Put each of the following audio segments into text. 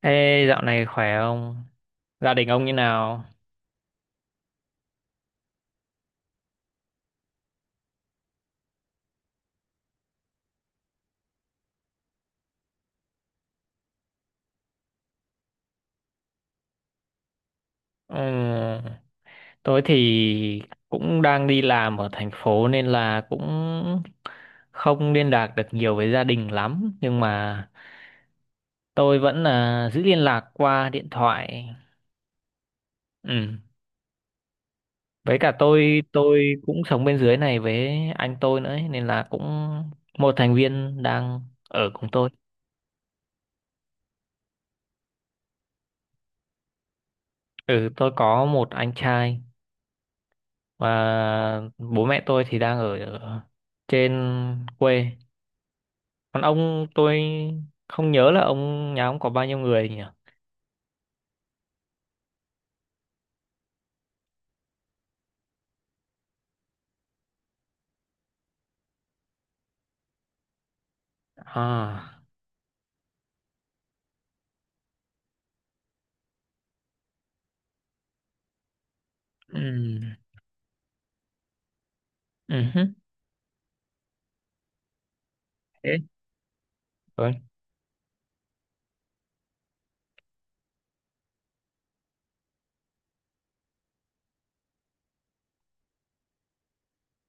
Ê, dạo này khỏe không? Gia đình ông như nào? Ừ, tôi thì cũng đang đi làm ở thành phố nên là cũng không liên lạc được nhiều với gia đình lắm. Nhưng mà tôi vẫn là giữ liên lạc qua điện thoại. Ừ. Với cả tôi cũng sống bên dưới này với anh tôi nữa ấy, nên là cũng một thành viên đang ở cùng tôi. Ừ, tôi có một anh trai, và bố mẹ tôi thì đang ở ở trên quê. Còn ông, tôi không nhớ là ông nhà ông có bao nhiêu người nhỉ? À, ừ, ừ hứ, thế rồi.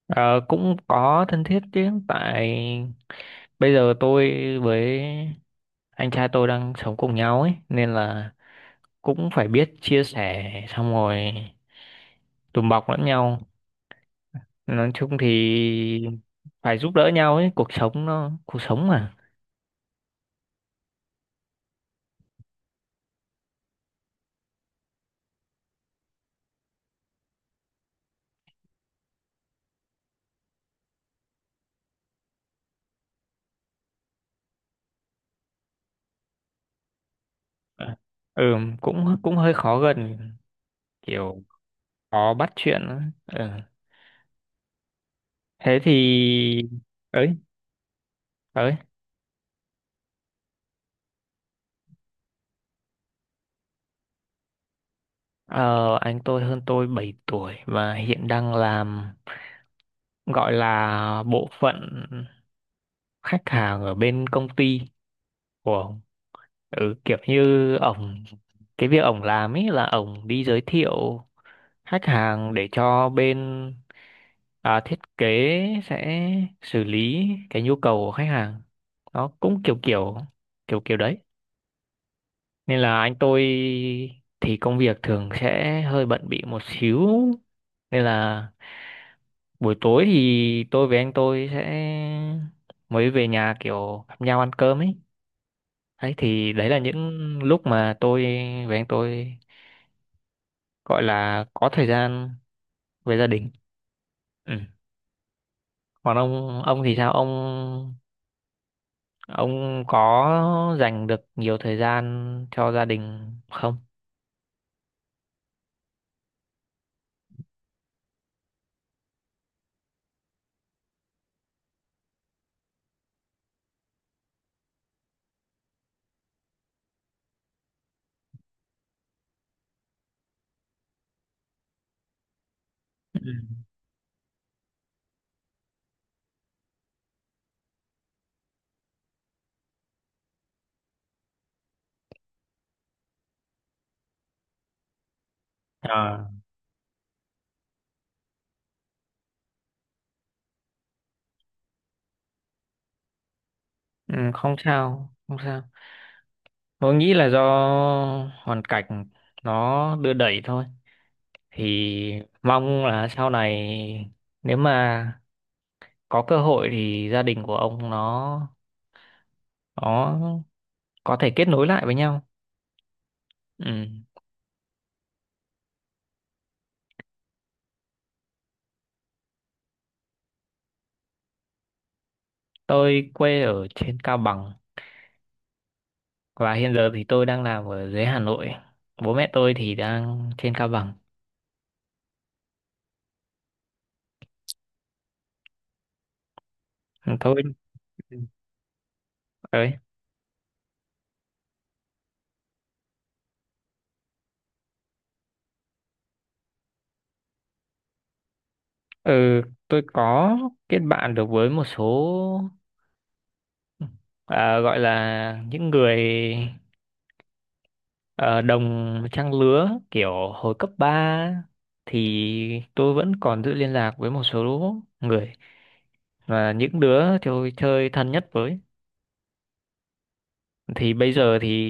Ờ, cũng có thân thiết chứ, tại bây giờ tôi với anh trai tôi đang sống cùng nhau ấy, nên là cũng phải biết chia sẻ, xong rồi đùm bọc lẫn nhau. Nói chung thì phải giúp đỡ nhau ấy, cuộc sống nó cuộc sống mà. Ờ, ừ, cũng cũng hơi khó gần, kiểu khó bắt chuyện á. Ừ. Thế thì ấy ấy. Ờ, anh tôi hơn tôi 7 tuổi và hiện đang làm, gọi là bộ phận khách hàng ở bên công ty của ông. Ừ, kiểu như ổng, cái việc ổng làm ấy là ổng đi giới thiệu khách hàng để cho bên, à, thiết kế sẽ xử lý cái nhu cầu của khách hàng. Nó cũng kiểu kiểu, kiểu kiểu đấy. Nên là anh tôi thì công việc thường sẽ hơi bận bịu một xíu, nên là buổi tối thì tôi với anh tôi sẽ mới về nhà, kiểu gặp nhau ăn cơm ấy. Đấy thì đấy là những lúc mà tôi với anh tôi gọi là có thời gian với gia đình. Ừ. Còn ông thì sao ông có dành được nhiều thời gian cho gia đình không? Ừ. À, ừ, không sao không sao. Tôi nghĩ là do hoàn cảnh nó đưa đẩy thôi, thì mong là sau này nếu mà có cơ hội thì gia đình của ông nó có thể kết nối lại với nhau. Ừ. Tôi quê ở trên Cao Bằng, và hiện giờ thì tôi đang làm ở dưới Hà Nội. Bố mẹ tôi thì đang trên Cao Bằng. Tôi đấy. Ừ, tôi có kết bạn được với một số, à, gọi là những người, ờ, đồng trang lứa, kiểu hồi cấp 3 thì tôi vẫn còn giữ liên lạc với một số người, và những đứa tôi chơi thân nhất với. Thì bây giờ thì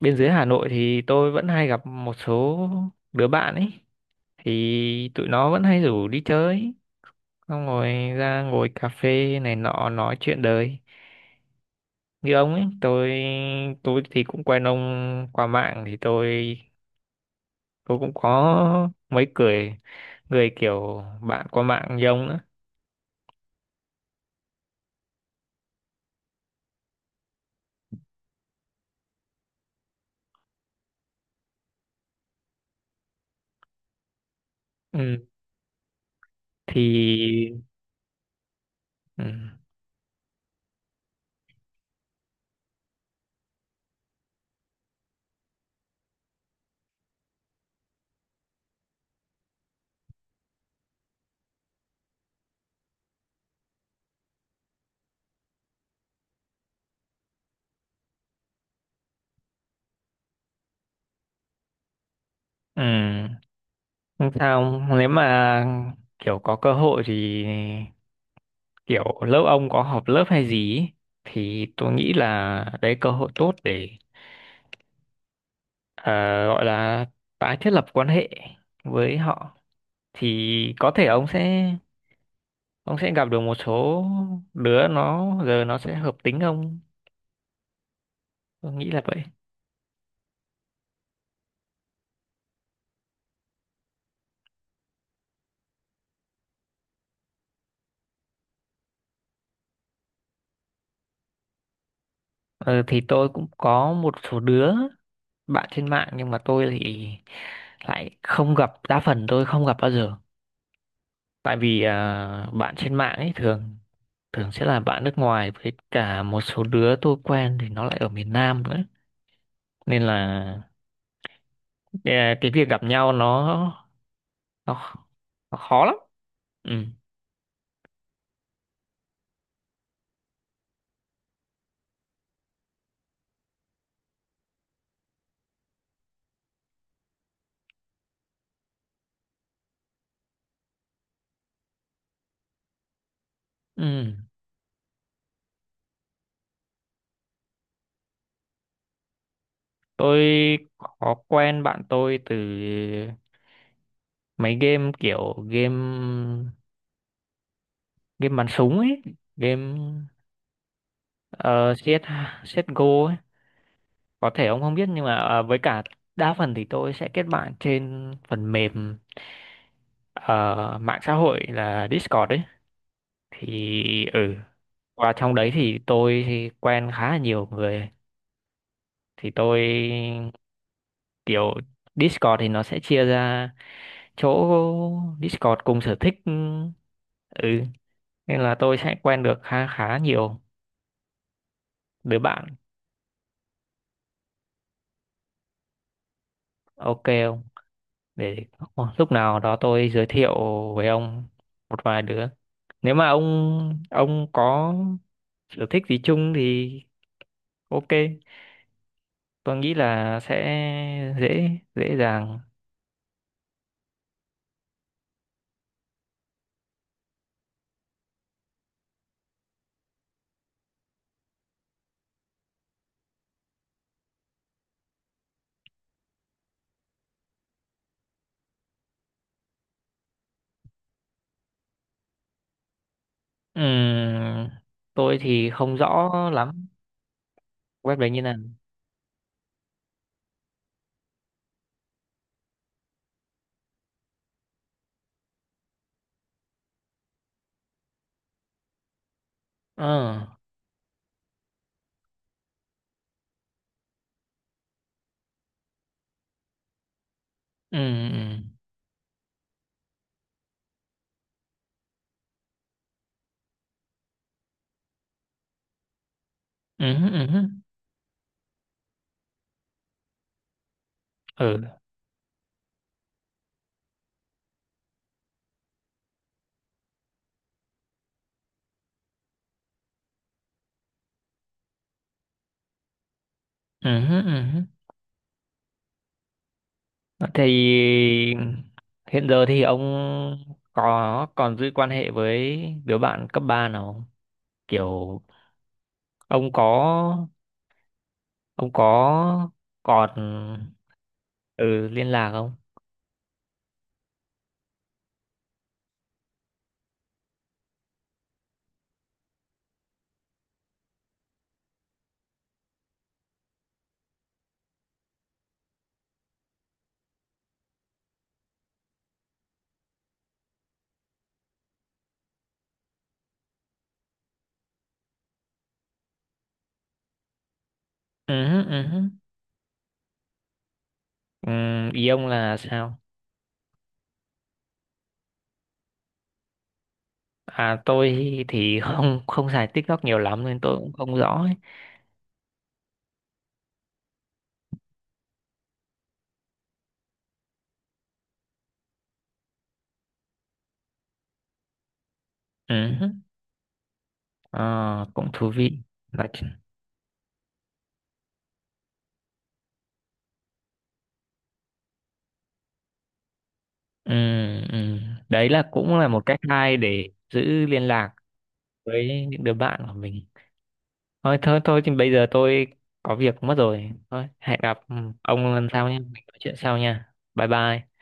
bên dưới Hà Nội thì tôi vẫn hay gặp một số đứa bạn ấy, thì tụi nó vẫn hay rủ đi chơi, xong rồi ra ngồi cà phê này nọ nói chuyện đời như ông ấy. Tôi thì cũng quen ông qua mạng, thì tôi cũng có mấy người, người kiểu bạn qua mạng như ông nữa. Ừ, thì ừ, ừ, không sao. Nếu mà kiểu có cơ hội thì kiểu lớp ông có họp lớp hay gì ấy, thì tôi nghĩ là đấy cơ hội tốt để, ờ, gọi là tái thiết lập quan hệ với họ, thì có thể ông sẽ, ông sẽ gặp được một số đứa nó giờ nó sẽ hợp tính ông. Tôi nghĩ là vậy. Ờ, thì tôi cũng có một số đứa bạn trên mạng nhưng mà tôi thì lại không gặp, đa phần tôi không gặp bao giờ. Tại vì à, bạn trên mạng ấy thường thường sẽ là bạn nước ngoài, với cả một số đứa tôi quen thì nó lại ở miền Nam nữa, nên là, à, cái việc gặp nhau nó, nó, nó khó lắm. Ừ, ừ. Tôi có quen bạn tôi từ mấy game, kiểu game game bắn súng ấy, game CS, CSGO ấy, có thể ông không biết. Nhưng mà với cả đa phần thì tôi sẽ kết bạn trên phần mềm, ờ, mạng xã hội là Discord ấy. Thì ừ, qua trong đấy thì tôi quen khá là nhiều người. Thì tôi kiểu, Discord thì nó sẽ chia ra chỗ Discord cùng sở thích. Ừ, ừ. Nên là tôi sẽ quen được khá khá nhiều đứa bạn. Ok không, để lúc nào đó tôi giới thiệu với ông một vài đứa, nếu mà ông có sở thích gì chung thì ok, tôi nghĩ là sẽ dễ, dễ dàng. Ừm, tôi thì không rõ lắm web đấy như nào. Ờ, ừ, ừ. Ừ, ừ, ừ, ừ, ừ. Ừ. Thì hiện giờ thì ông có còn giữ quan hệ với đứa bạn cấp 3 nào không? Kiểu ông có, ông có còn, ừ, liên lạc không? Ừ, ừ. Ừ, ý ông là sao? À tôi thì không, không xài TikTok nhiều lắm nên tôi cũng không rõ ấy. Ừ. Ờ, cũng thú vị. Nói- ch- Ừ, ừ. Đấy là cũng là một cách hay để giữ liên lạc với những đứa bạn của mình. Thôi thôi thôi thì bây giờ tôi có việc mất rồi, thôi hẹn gặp ừ, ông lần sau nhé, mình nói chuyện sau nha, bye bye.